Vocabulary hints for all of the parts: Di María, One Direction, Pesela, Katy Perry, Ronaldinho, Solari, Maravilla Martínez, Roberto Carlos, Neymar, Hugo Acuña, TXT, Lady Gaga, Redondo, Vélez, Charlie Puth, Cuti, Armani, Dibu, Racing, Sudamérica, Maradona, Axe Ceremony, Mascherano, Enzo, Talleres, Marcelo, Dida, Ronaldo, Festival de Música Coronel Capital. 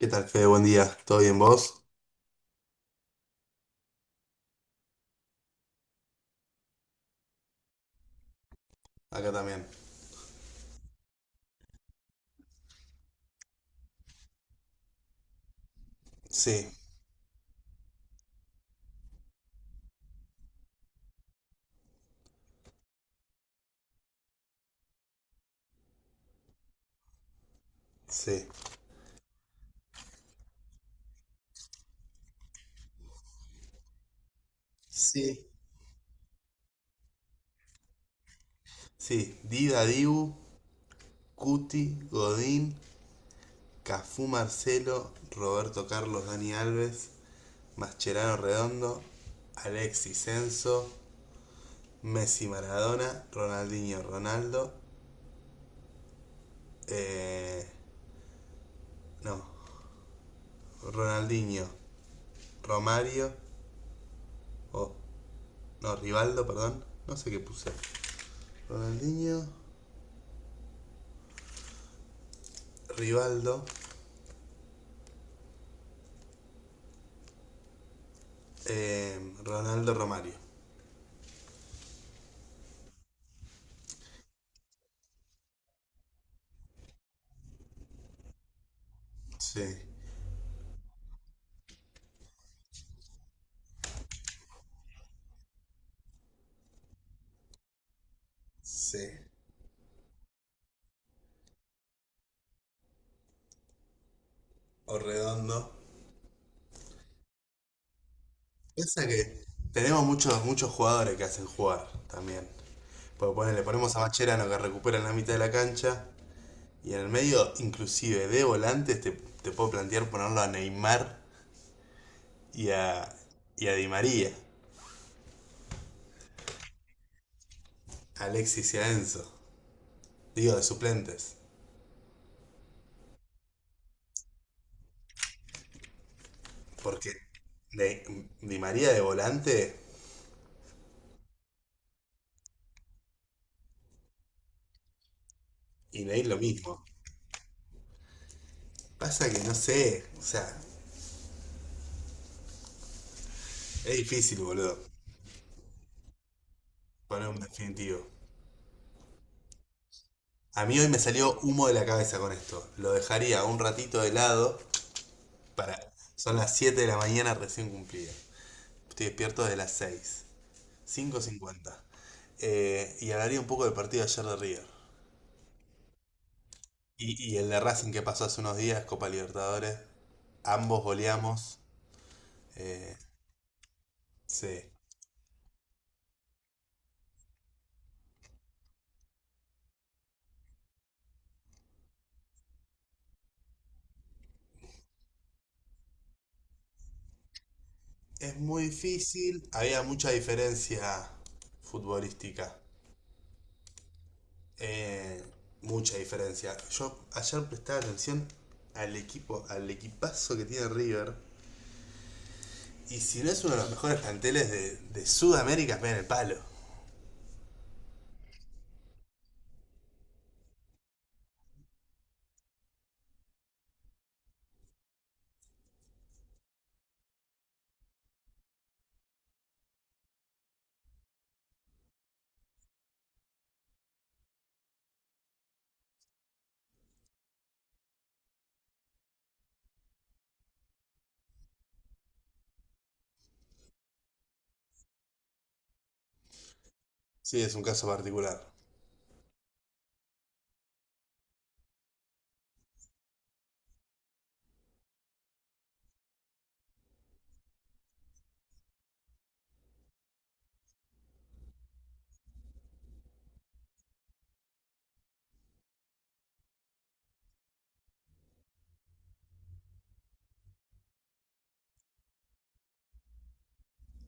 ¿Qué tal, Fede? Buen día. ¿Todo bien vos? Acá también. Sí, sí. Sí. Sí. Dida Dibu, Cuti, Godín, Cafú Marcelo, Roberto Carlos, Dani Alves, Mascherano Redondo, Alexis Senso, Messi Maradona, eh, no, Ronaldinho Romario, o no, Rivaldo, perdón, no sé qué puse. Ronaldinho, Rivaldo, eh, Ronaldo Romario. Sí, sí. O redondo. Piensa que tenemos muchos jugadores que hacen jugar también. Porque ponele, le ponemos a Macherano que recupera en la mitad de la cancha. Y en el medio, inclusive de volantes, te puedo plantear ponerlo a Neymar y a, y a Di María, a Alexis y a Enzo. Digo, de suplentes. Porque Di María de volante y Ney lo mismo. Pasa que no sé, o sea, es difícil, boludo, poner un definitivo. A mí hoy me salió humo de la cabeza con esto. Lo dejaría un ratito de lado para... Son las 7 de la mañana recién cumplida. Estoy despierto desde las 6. 5:50. Y hablaría un poco del partido de ayer de River. Y el de Racing que pasó hace unos días, Copa Libertadores. Ambos goleamos. Eh, sí. Es muy difícil. Había mucha diferencia futbolística. Eh, Mucha diferencia. Yo ayer prestaba atención al equipo, al equipazo que tiene River. Y si no es uno de los mejores planteles de Sudamérica, me en el palo. Sí, es un caso particular.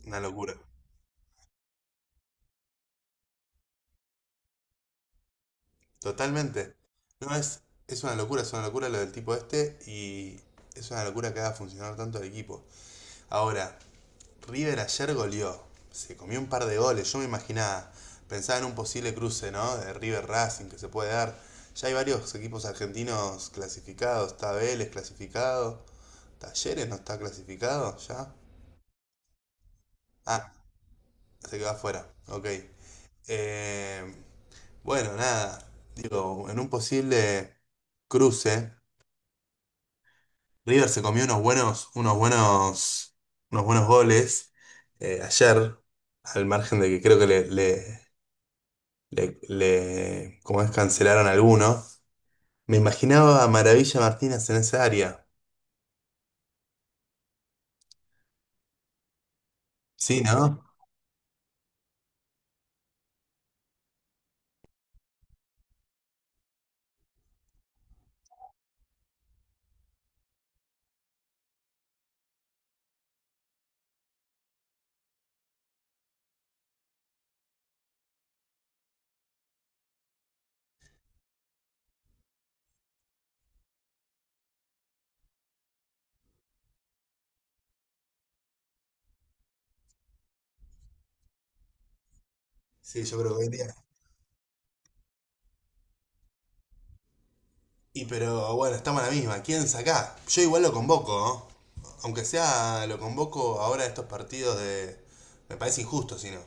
Una locura. Totalmente. No es. Es una locura lo del tipo este. Y es una locura que haga funcionar tanto el equipo. Ahora, River ayer goleó. Se comió un par de goles. Yo me imaginaba, pensaba en un posible cruce, ¿no? De River Racing que se puede dar. Ya hay varios equipos argentinos clasificados. Está Vélez clasificado. Talleres no está clasificado ya. Ah, se quedó afuera. Ok. Eh, bueno, nada. Digo, en un posible cruce, River se comió unos buenos goles ayer, al margen de que creo que ¿cómo es? Cancelaron alguno. Me imaginaba a Maravilla Martínez en esa área. Sí, ¿no? Sí, yo creo que hoy día. Y pero bueno, estamos a la misma. ¿Quién saca? Yo igual lo convoco, ¿no? Aunque sea, lo convoco ahora a estos partidos de. Me parece injusto, si no.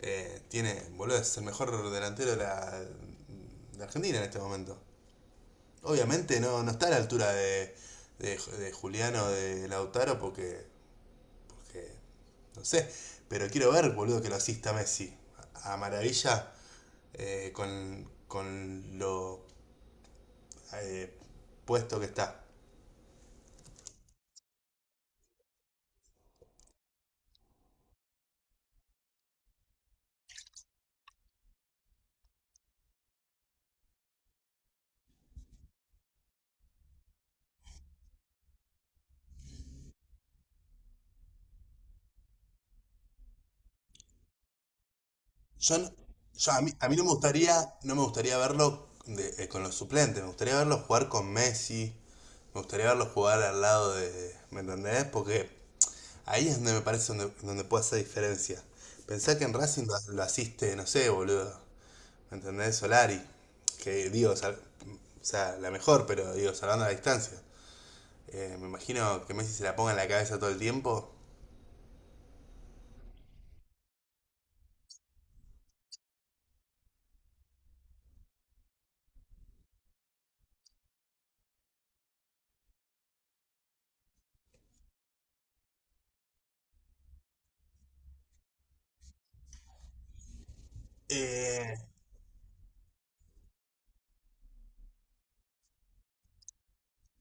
Tiene, boludo, es el mejor delantero de la, de Argentina en este momento. Obviamente no, no está a la altura de Juliano, de Lautaro, porque que no sé, pero quiero ver, boludo, que lo asista Messi. A maravilla con lo eh, puesto que está. Yo, no- Yo a mí no me gustaría, no me gustaría verlo con los suplentes, me gustaría verlo jugar con Messi, me gustaría verlo jugar al lado de. ¿Me entendés? Porque ahí es donde me parece donde puede hacer diferencia. Pensá que en Racing lo asiste, no sé, boludo. ¿Me entendés? Solari, que digo, o sea, la mejor, pero digo, salvando la distancia. Me imagino que Messi se la ponga en la cabeza todo el tiempo. Eh,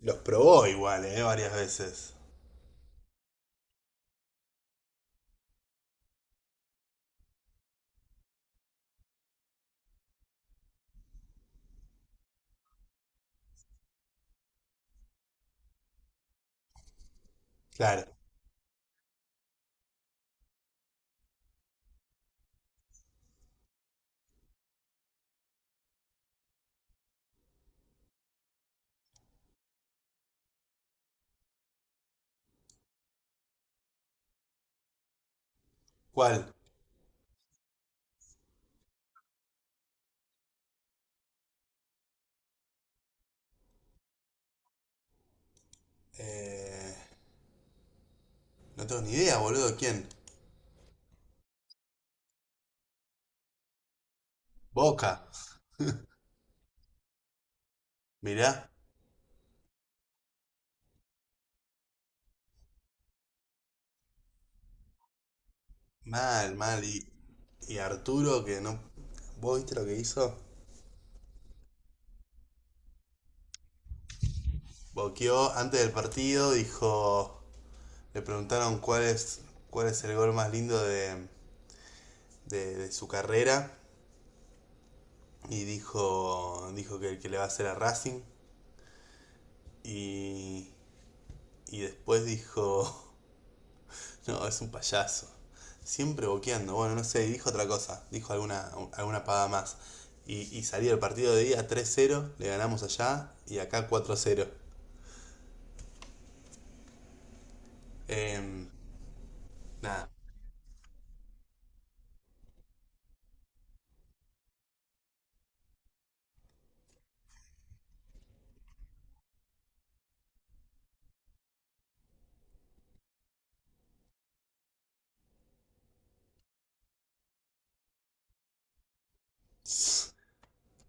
los probó igual, varias veces. Claro. ¿Cuál? Eh, no tengo ni idea, boludo. ¿Quién? Boca. Mirá. Mal, mal. Y Arturo, que no... ¿Vos viste lo que hizo? Boqueó antes del partido, dijo... Le preguntaron cuál es el gol más lindo de su carrera y dijo que le va a hacer a Racing y, y después dijo, no, es un payaso. Siempre boqueando, bueno, no sé, dijo otra cosa, dijo alguna paga más. Y salía el partido de día tres cero le ganamos allá y acá cuatro cero. Em, Nada.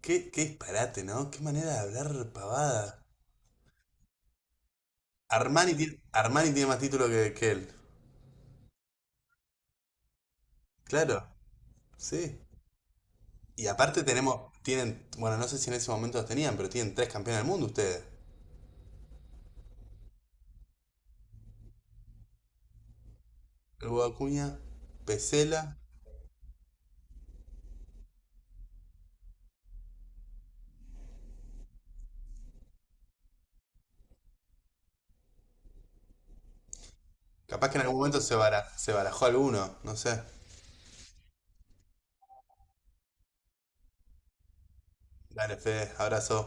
Qué disparate, ¿no? Qué manera de hablar pavada. Armani tiene más título que él. Claro, sí. Y aparte tienen, bueno, no sé si en ese momento los tenían, pero tienen tres campeones del mundo ustedes. El Hugo Acuña, Pesela, capaz que en algún momento se barajó alguno, no sé. Dale, Fede, abrazo.